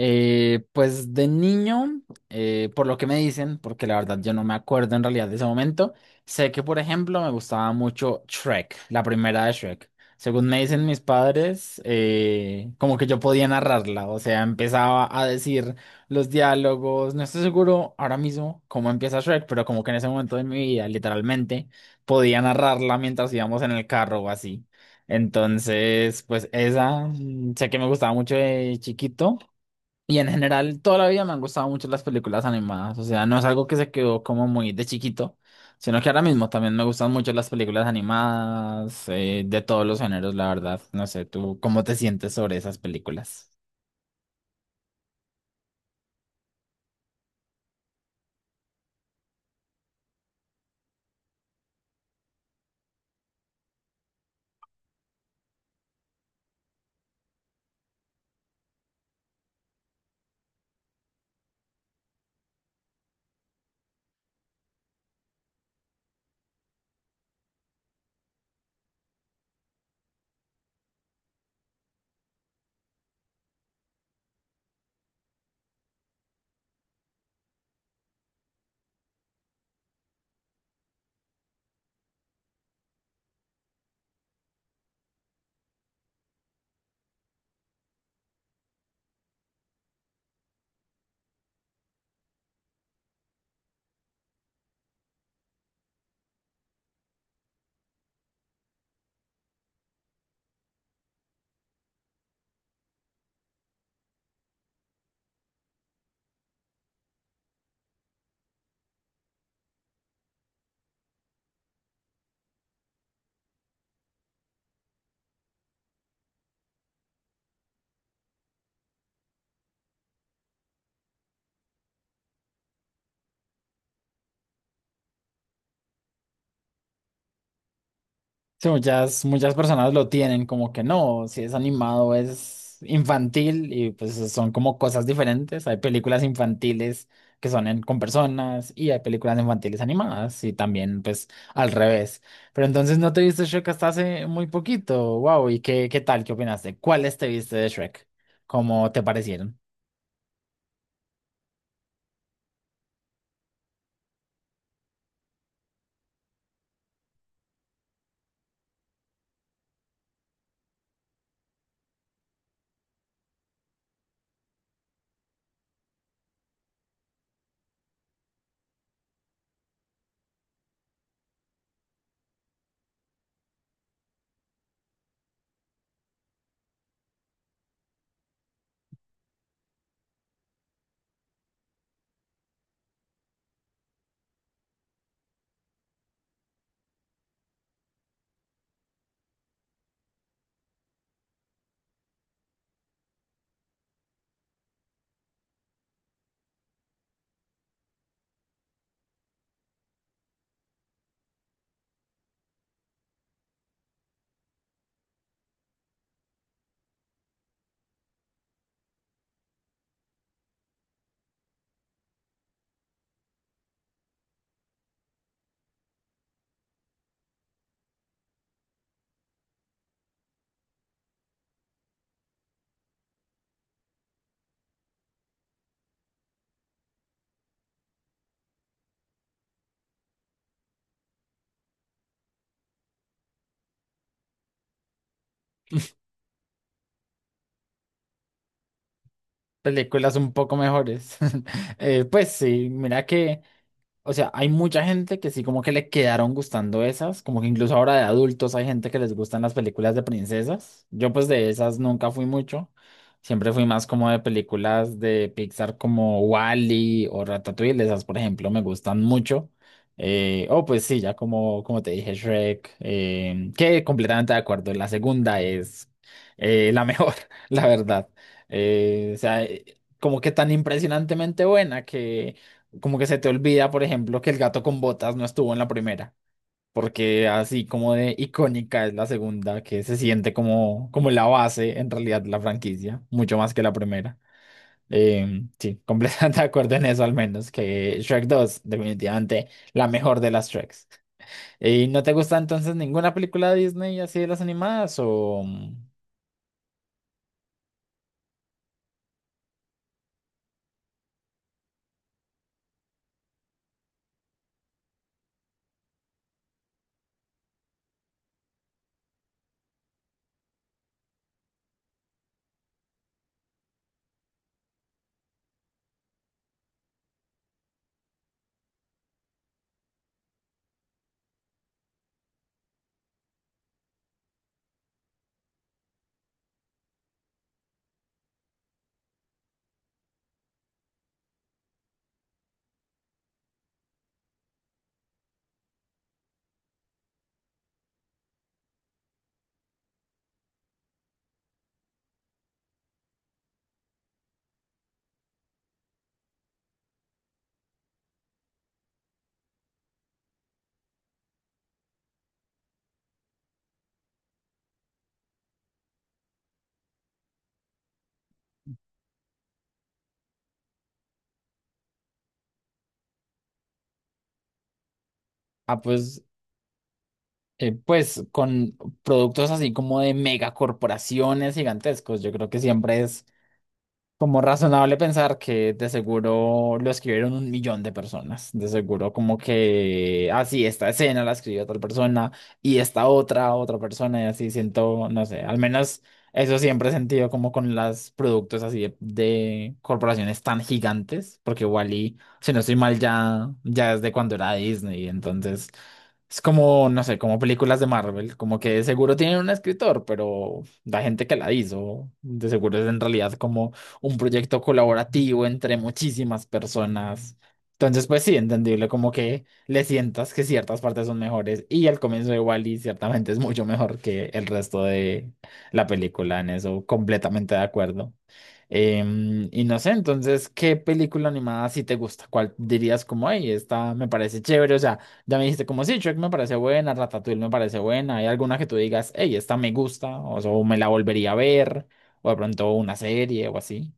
Pues de niño, por lo que me dicen, porque la verdad yo no me acuerdo en realidad de ese momento, sé que por ejemplo me gustaba mucho Shrek, la primera de Shrek. Según me dicen mis padres, como que yo podía narrarla, o sea, empezaba a decir los diálogos, no estoy seguro ahora mismo cómo empieza Shrek, pero como que en ese momento de mi vida, literalmente, podía narrarla mientras íbamos en el carro o así. Entonces, pues esa, sé que me gustaba mucho de chiquito. Y en general, toda la vida me han gustado mucho las películas animadas. O sea, no es algo que se quedó como muy de chiquito, sino que ahora mismo también me gustan mucho las películas animadas, de todos los géneros, la verdad. No sé, ¿tú cómo te sientes sobre esas películas? Sí, muchas personas lo tienen como que no, si es animado es infantil y pues son como cosas diferentes. Hay películas infantiles que son en- con personas y hay películas infantiles animadas y también pues al revés. Pero entonces no te viste Shrek hasta hace muy poquito. Wow, ¿y qué tal? ¿Qué opinaste? ¿Cuáles te viste de Shrek? ¿Cómo te parecieron? Películas un poco mejores. Pues sí, mira que... O sea, hay mucha gente que sí como que le quedaron gustando esas, como que incluso ahora de adultos hay gente que les gustan las películas de princesas. Yo pues de esas nunca fui mucho, siempre fui más como de películas de Pixar como Wall-E o Ratatouille, esas por ejemplo me gustan mucho. O pues sí, ya como te dije, Shrek, que completamente de acuerdo, la segunda es la mejor, la verdad. Como que tan impresionantemente buena que como que se te olvida, por ejemplo, que el gato con botas no estuvo en la primera, porque así como de icónica es la segunda, que se siente como la base en realidad de la franquicia, mucho más que la primera. Sí, completamente de acuerdo en eso al menos, que Shrek dos definitivamente la mejor de las Shreks. ¿Y no te gusta entonces ninguna película de Disney así de las animadas o...? Ah, pues, pues con productos así como de megacorporaciones gigantescos, yo creo que siempre es como razonable pensar que de seguro lo escribieron un millón de personas. De seguro como que, así esta escena la escribió tal persona y esta otra, otra persona y así siento, no sé, al menos eso siempre he sentido como con los productos así de corporaciones tan gigantes, porque Wally, si no estoy mal, ya es de cuando era Disney, entonces es como, no sé, como películas de Marvel, como que de seguro tienen un escritor, pero la gente que la hizo, de seguro es en realidad como un proyecto colaborativo entre muchísimas personas. Entonces, pues sí, entendible, como que le sientas que ciertas partes son mejores y el comienzo de Wall-E ciertamente es mucho mejor que el resto de la película, en eso completamente de acuerdo. Y no sé, entonces, ¿qué película animada sí te gusta? ¿Cuál dirías como, hey, esta me parece chévere? O sea, ya me dijiste como, sí, Shrek me parece buena, Ratatouille me parece buena, ¿hay alguna que tú digas, hey, esta me gusta? O sea, o me la volvería a ver, o de pronto una serie o así.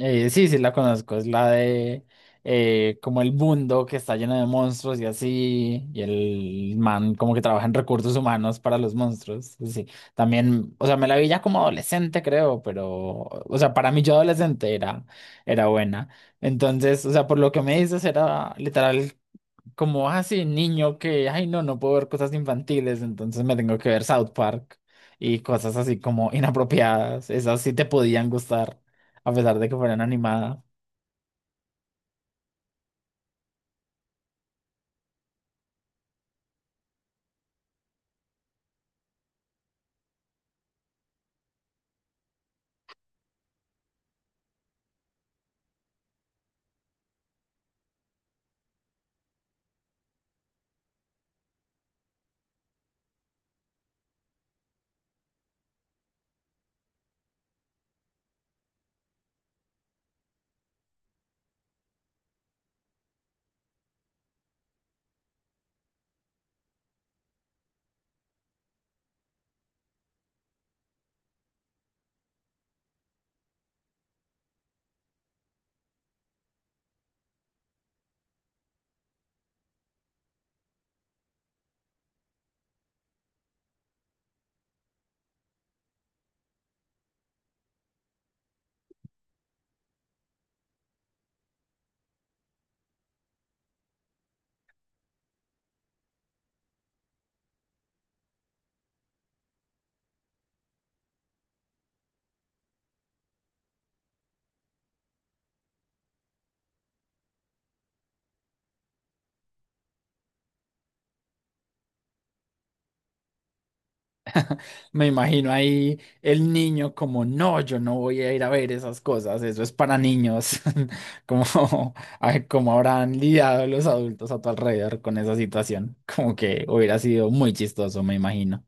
Sí, sí la conozco, es la de como el mundo que está lleno de monstruos y así, y el man como que trabaja en recursos humanos para los monstruos, sí, también, o sea, me la vi ya como adolescente creo, pero, o sea, para mí yo adolescente era buena, entonces, o sea, por lo que me dices era literal como así niño que, ay no, no puedo ver cosas infantiles, entonces me tengo que ver South Park y cosas así como inapropiadas, esas sí te podían gustar, a pesar de que fueran animadas. Me imagino ahí el niño como, no, yo no voy a ir a ver esas cosas, eso es para niños, como, ay, como habrán lidiado los adultos a tu alrededor con esa situación, como que hubiera sido muy chistoso, me imagino.